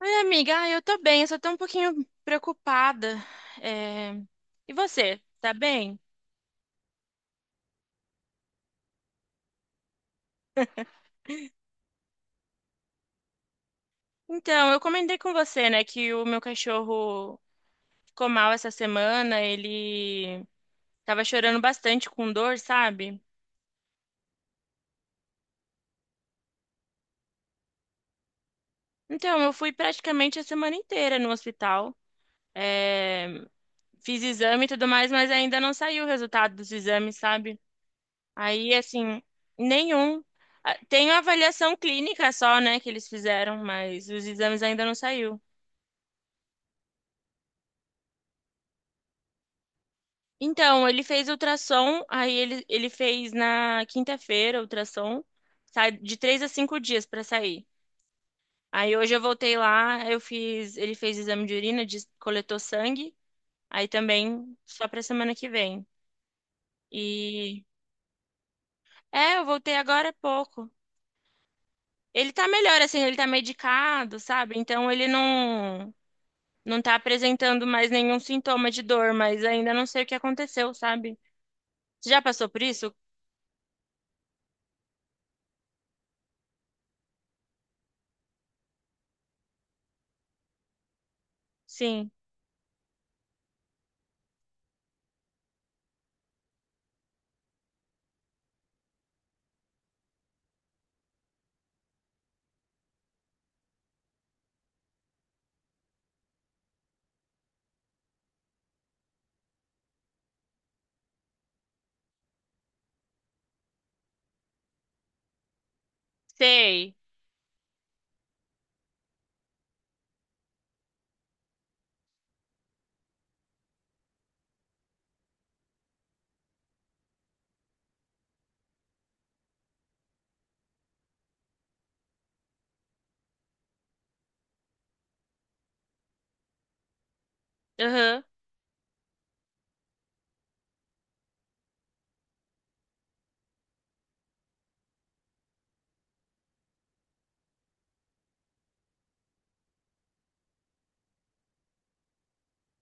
Oi, amiga. Ah, eu tô bem, eu só tô um pouquinho preocupada. É. E você, tá bem? Então, eu comentei com você, né, que o meu cachorro ficou mal essa semana, ele tava chorando bastante com dor, sabe? Então, eu fui praticamente a semana inteira no hospital. É. Fiz exame e tudo mais, mas ainda não saiu o resultado dos exames, sabe? Aí, assim, nenhum. Ah, tem a avaliação clínica só, né, que eles fizeram, mas os exames ainda não saiu. Então, ele fez ultrassom, aí ele fez na quinta-feira ultrassom, sai de três a cinco dias para sair. Aí hoje eu voltei lá, eu fiz, ele fez exame de urina, coletou sangue, aí também só pra semana que vem. E é, eu voltei agora há pouco. Ele tá melhor assim, ele tá medicado, sabe? Então ele não tá apresentando mais nenhum sintoma de dor, mas ainda não sei o que aconteceu, sabe? Você já passou por isso? Sim, sei. Aham.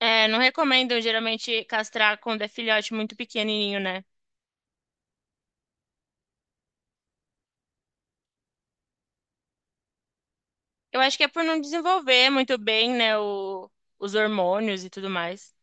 É, não recomendo geralmente castrar quando é filhote muito pequenininho, né? Eu acho que é por não desenvolver muito bem, né, os hormônios e tudo mais.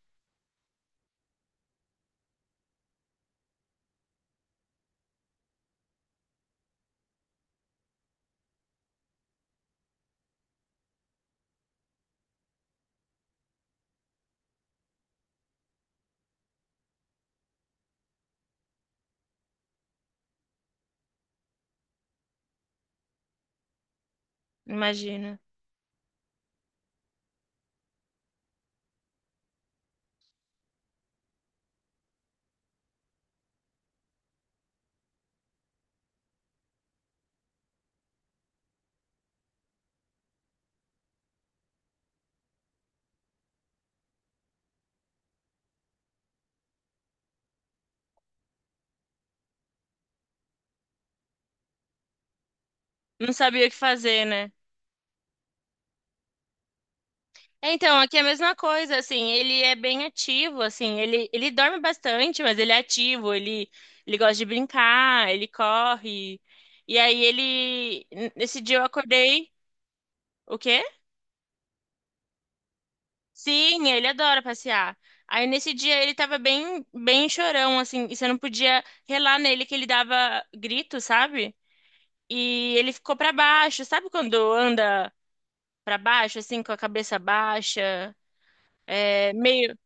Imagina. Não sabia o que fazer, né? É. Então, aqui é a mesma coisa, assim, ele é bem ativo, assim, ele dorme bastante, mas ele é ativo, ele gosta de brincar, ele corre. E aí ele, nesse dia eu acordei, o quê? Sim, ele adora passear. Aí nesse dia ele tava bem chorão, assim, e você não podia relar nele que ele dava grito, sabe? E ele ficou pra baixo, sabe quando anda pra baixo, assim, com a cabeça baixa, é, meio,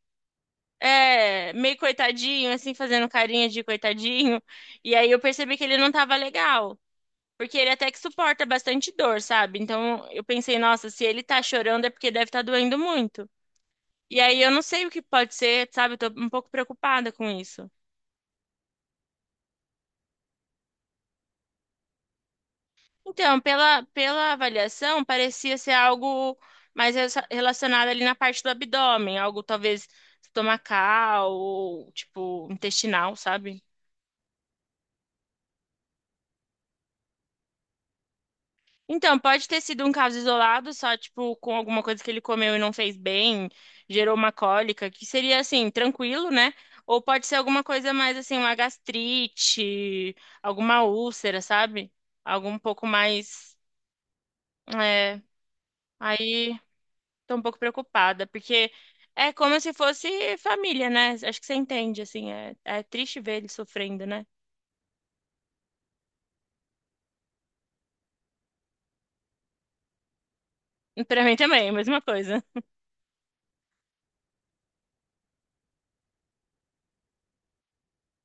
é, meio coitadinho, assim, fazendo carinha de coitadinho. E aí eu percebi que ele não tava legal, porque ele até que suporta bastante dor, sabe? Então eu pensei, nossa, se ele tá chorando é porque deve estar tá doendo muito. E aí eu não sei o que pode ser, sabe? Eu tô um pouco preocupada com isso. Então, pela avaliação, parecia ser algo mais relacionado ali na parte do abdômen, algo talvez estomacal ou tipo intestinal, sabe? Então, pode ter sido um caso isolado, só tipo com alguma coisa que ele comeu e não fez bem, gerou uma cólica, que seria assim, tranquilo, né? Ou pode ser alguma coisa mais assim, uma gastrite, alguma úlcera, sabe? Algo um pouco mais. É, aí tô um pouco preocupada, porque é como se fosse família, né? Acho que você entende, assim, é, é triste ver ele sofrendo, né? Pra mim também, é a mesma coisa.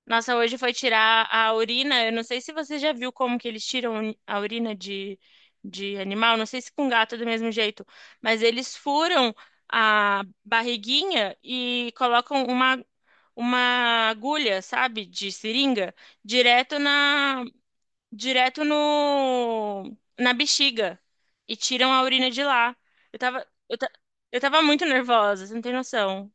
Nossa, hoje foi tirar a urina, eu não sei se você já viu como que eles tiram a urina de animal, não sei se com gato é do mesmo jeito, mas eles furam a barriguinha e colocam uma agulha, sabe, de seringa, direto na, direto no na bexiga e tiram a urina de lá. Eu tava, eu, ta- eu tava muito nervosa, você não tem noção.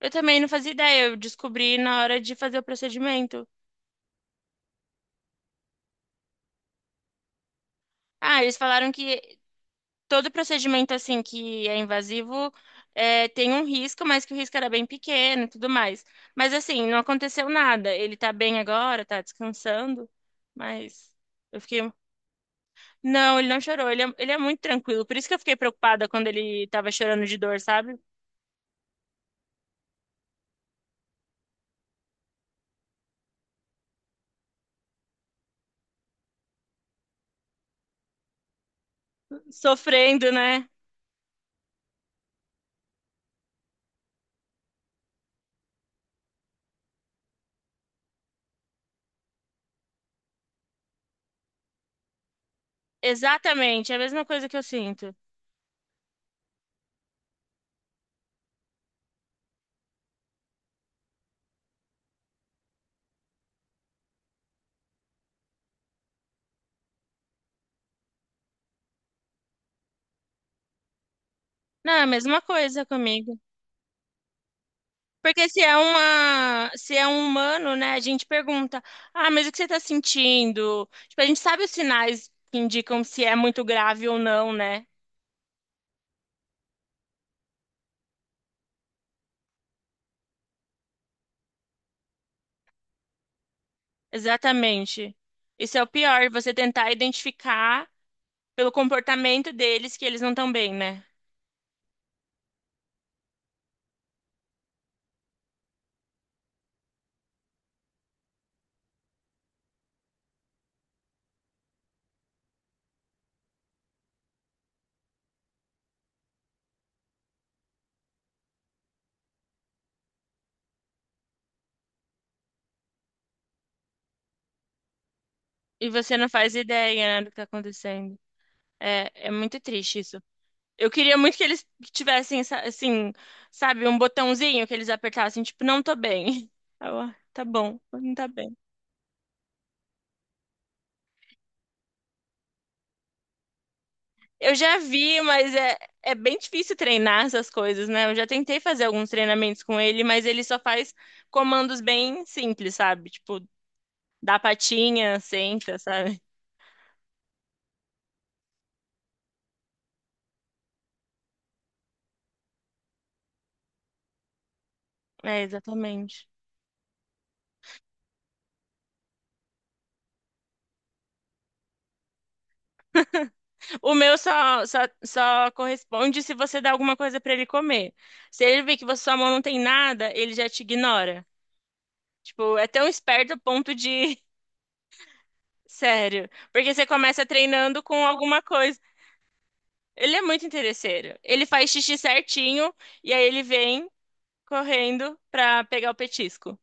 Eu também não fazia ideia, eu descobri na hora de fazer o procedimento. Ah, eles falaram que todo procedimento assim que é invasivo é, tem um risco, mas que o risco era bem pequeno e tudo mais. Mas assim, não aconteceu nada. Ele tá bem agora, tá descansando, mas eu fiquei não, ele não chorou. Ele é muito tranquilo. Por isso que eu fiquei preocupada quando ele tava chorando de dor, sabe? Sofrendo, né? Exatamente. É a mesma coisa que eu sinto. Não, é a mesma coisa comigo. Porque se é um humano, né, a gente pergunta: "Ah, mas o que você tá sentindo?" Tipo, a gente sabe os sinais que indicam se é muito grave ou não, né? Exatamente. Isso é o pior, você tentar identificar pelo comportamento deles que eles não estão bem, né? E você não faz ideia, né, do que tá acontecendo. É, é muito triste isso. Eu queria muito que eles tivessem, assim, sabe, um botãozinho que eles apertassem, tipo, não tô bem. Eu, "Ah, tá bom, não tá bem." Eu já vi, mas é, é bem difícil treinar essas coisas, né? Eu já tentei fazer alguns treinamentos com ele, mas ele só faz comandos bem simples, sabe? Tipo, dá patinha, senta, sabe? É, exatamente. O meu só corresponde se você dá alguma coisa pra ele comer. Se ele vê que sua mão não tem nada, ele já te ignora. Tipo, é tão esperto a ponto de. Sério. Porque você começa treinando com alguma coisa. Ele é muito interesseiro. Ele faz xixi certinho e aí ele vem correndo pra pegar o petisco.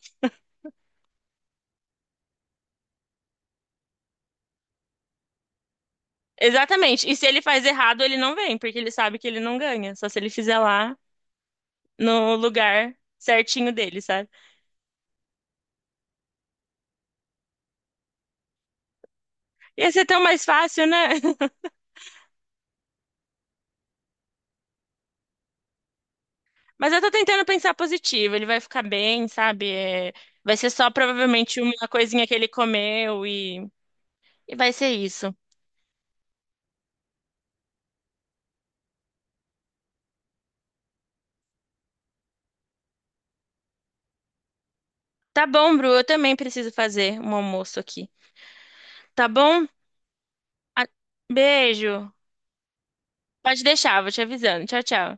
Exatamente. E se ele faz errado, ele não vem, porque ele sabe que ele não ganha. Só se ele fizer lá no lugar certinho dele, sabe? Ia ser tão mais fácil, né? Mas eu tô tentando pensar positivo. Ele vai ficar bem, sabe? É, vai ser só provavelmente uma coisinha que ele comeu e vai ser isso. Tá bom, Bru, eu também preciso fazer um almoço aqui. Tá bom? A- beijo. Pode deixar, vou te avisando. Tchau, tchau.